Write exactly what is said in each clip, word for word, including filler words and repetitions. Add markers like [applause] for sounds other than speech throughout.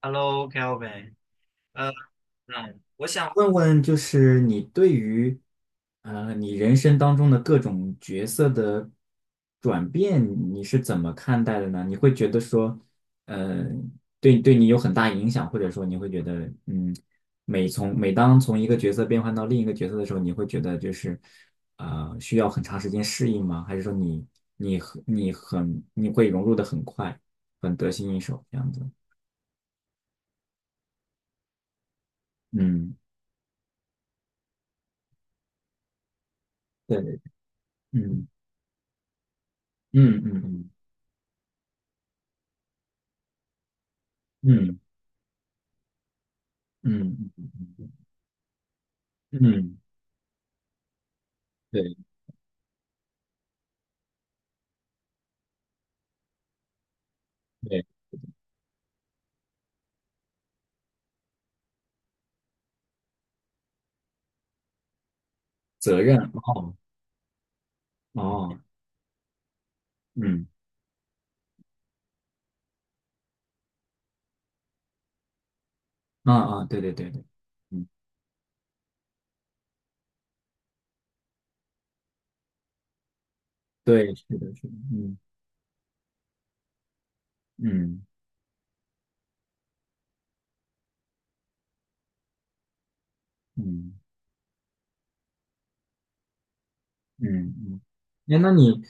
Hello,Kelvin,呃，嗯，想问问，就是你对于呃你人生当中的各种角色的转变，你是怎么看待的呢？你会觉得说，呃，对对你有很大影响，或者说你会觉得，嗯，每从每当从一个角色变换到另一个角色的时候，你会觉得就是呃需要很长时间适应吗？还是说你你很你很你会融入的很快，很得心应手这样子？嗯，对，嗯。嗯嗯嗯嗯嗯嗯嗯，嗯嗯，对对，责任，哦哦，嗯，啊啊，对对对对，嗯，对，是的，是的，嗯嗯嗯。嗯嗯，哎，那你，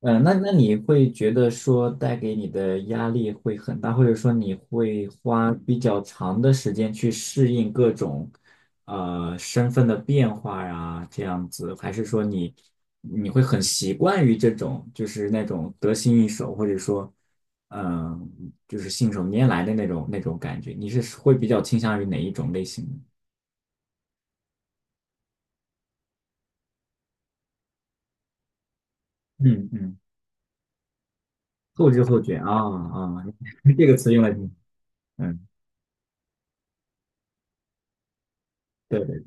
呃，那那你会觉得说带给你的压力会很大，或者说你会花比较长的时间去适应各种呃身份的变化呀，这样子，还是说你你会很习惯于这种就是那种得心应手，或者说嗯、呃就是信手拈来的那种那种感觉？你是会比较倾向于哪一种类型的？嗯嗯，后知后觉啊啊，[laughs] 这个词用来挺。嗯，对，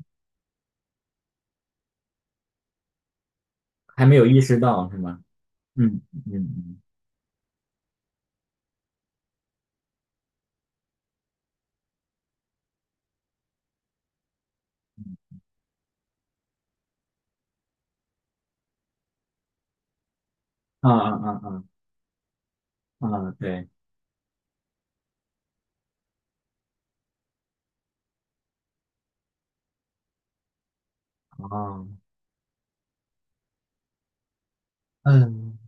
还没有意识到是吗？嗯嗯嗯，啊啊啊啊啊，对，啊，嗯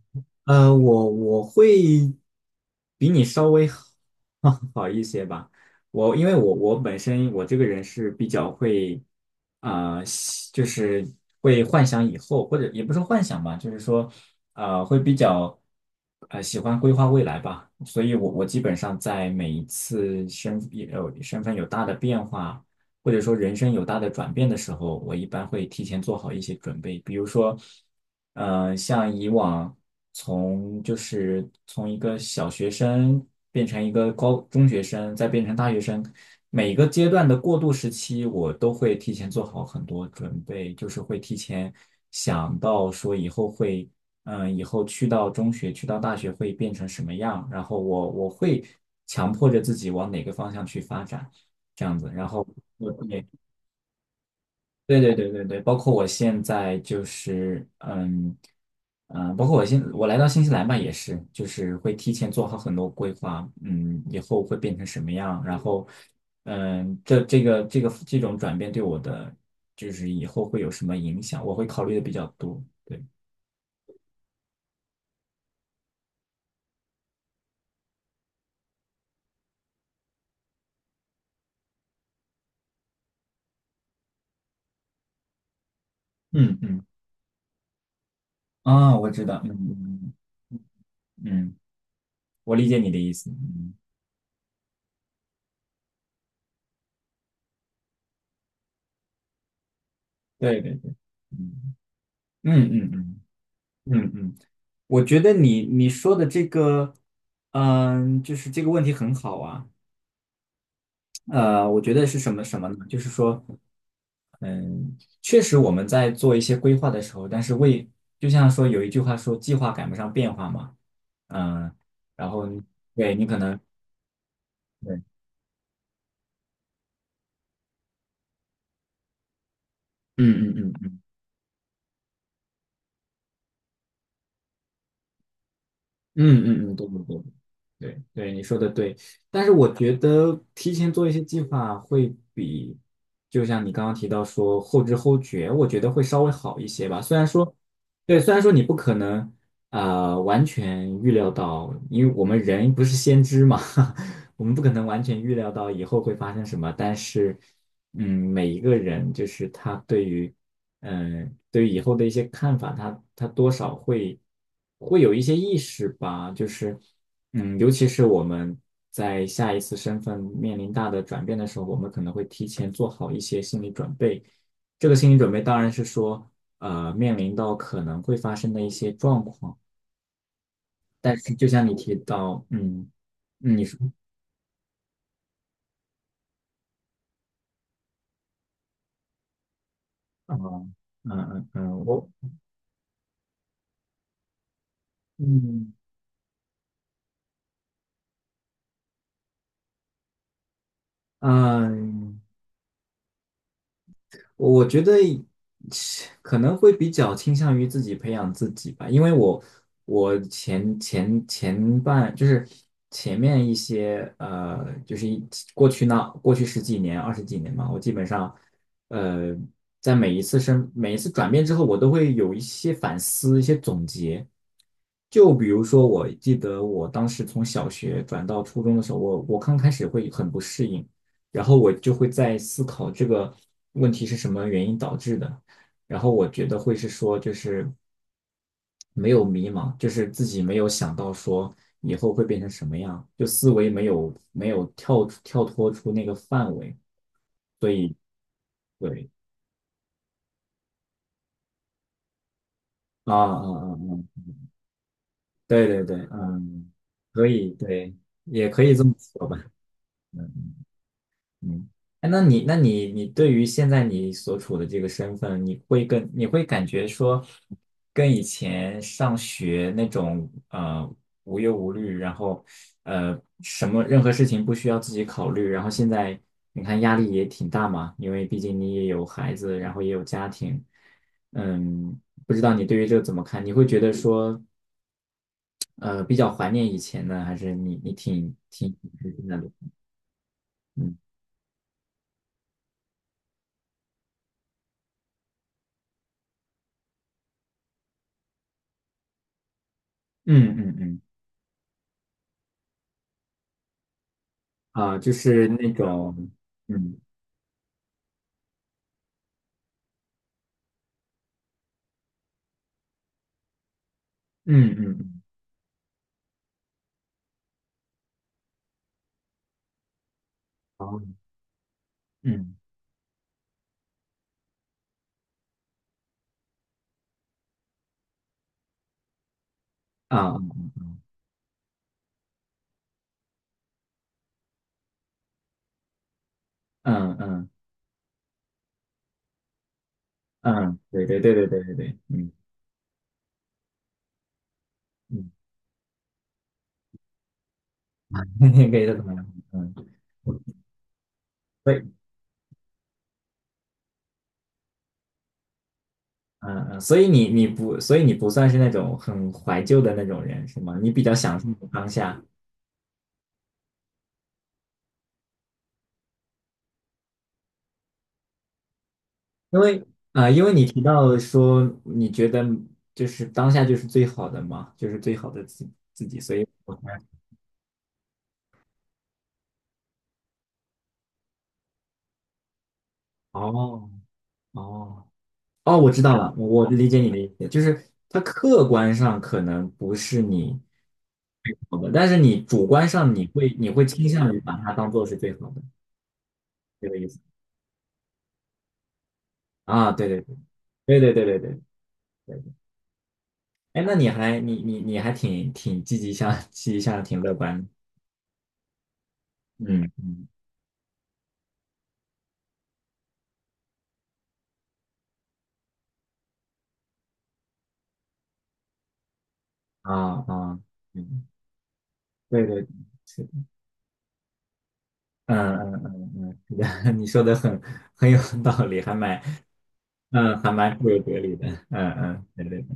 呃，我我会比你稍微好 [laughs] 好一些吧。我因为我我本身我这个人是比较会啊、呃喜就是会幻想以后，或者也不是幻想吧，就是说呃会比较呃喜欢规划未来吧。所以我我基本上在每一次身呃身份有大的变化，或者说人生有大的转变的时候，我一般会提前做好一些准备。比如说，呃，像以往从就是从一个小学生变成一个高中学生，再变成大学生，每一个阶段的过渡时期，我都会提前做好很多准备，就是会提前想到说以后会。嗯，以后去到中学、去到大学会变成什么样？然后我我会强迫着自己往哪个方向去发展。这样子。然后我，对对对对对对，包括我现在就是嗯嗯、呃包括我现我来到新西兰吧，也是就是会提前做好很多规划，嗯，以后会变成什么样，然后嗯，这这个这个这种转变对我的就是以后会有什么影响，我会考虑的比较多。对，嗯嗯，啊，我知道，嗯嗯嗯，嗯我理解你的意思，嗯，对对对，嗯嗯嗯嗯。嗯嗯，我觉得你你说的这个，嗯，就是这个问题很好啊。呃，我觉得是什么什么呢？就是说，嗯，确实我们在做一些规划的时候，但是为就像说有一句话说计划赶不上变化嘛，嗯，然后，对，你可能，对，嗯嗯嗯。嗯嗯嗯，对对对，对对，你说的对。但是我觉得提前做一些计划会比，就像你刚刚提到说后知后觉，我觉得会稍微好一些吧。虽然说，对，虽然说你不可能呃完全预料到，因为我们人不是先知嘛，[laughs] 我们不可能完全预料到以后会发生什么。但是，嗯，每一个人就是他对于，嗯，呃对于以后的一些看法，他他多少会会有一些意识吧，就是，嗯，尤其是我们在下一次身份面临大的转变的时候，我们可能会提前做好一些心理准备。这个心理准备当然是说，呃，面临到可能会发生的一些状况，但是就像你提到，嗯，嗯你说，啊、嗯嗯嗯，我，嗯嗯。我觉得可能会比较倾向于自己培养自己吧，因为我我前前前半就是前面一些呃，就是一过去那过去十几年、二十几年嘛，我基本上呃，在每一次生每一次转变之后，我都会有一些反思、一些总结。就比如说，我记得我当时从小学转到初中的时候，我我刚开始会很不适应。然后我就会在思考这个问题是什么原因导致的，然后我觉得会是说就是没有迷茫，就是自己没有想到说以后会变成什么样，就思维没有没有跳出跳脱出那个范围，所以，对，啊啊啊啊，对对对，嗯，可以，对，也可以这么说吧。嗯，哎，那你，那你，你对于现在你所处的这个身份，你会跟你会感觉说，跟以前上学那种呃无忧无虑，然后呃什么任何事情不需要自己考虑，然后现在你看压力也挺大嘛，因为毕竟你也有孩子，然后也有家庭，嗯，不知道你对于这个怎么看？你会觉得说，呃，比较怀念以前呢，还是你你挺挺挺开心的？嗯嗯嗯嗯。啊，就是那种，嗯嗯嗯嗯，哦，嗯，啊，嗯嗯嗯嗯，对对对对对对对，嗯嗯，[laughs] 可以说怎么样，嗯，对，嗯嗯，所以你，你不，所以你不算是那种很怀旧的那种人，是吗？你比较享受当下，因为啊、呃因为你提到说你觉得就是当下就是最好的嘛，就是最好的自自己，所以我才，哦哦。哦，我知道了，我理解你的意思，就是它客观上可能不是你最好的，但是你主观上你会你会倾向于把它当做是最好的，这个意思啊？对对对对对对对对对，哎，那你还你你你还挺挺积极向 [laughs] 积极向上，挺乐观的，嗯嗯，啊啊，嗯，对对，是的，嗯嗯嗯嗯，是的 [laughs] 你说的很很有道理，还蛮嗯还蛮富有哲理的，嗯嗯，对对对，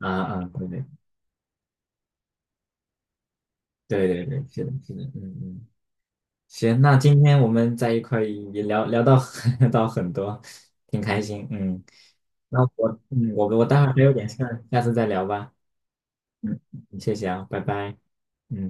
啊啊，对对。对对对，是的，是的，嗯嗯，行，那今天我们在一块儿也聊聊到 [laughs] 到很多，挺开心，嗯，那我嗯我我待会儿还有点事儿，下次再聊吧，嗯，谢谢啊，拜拜，嗯。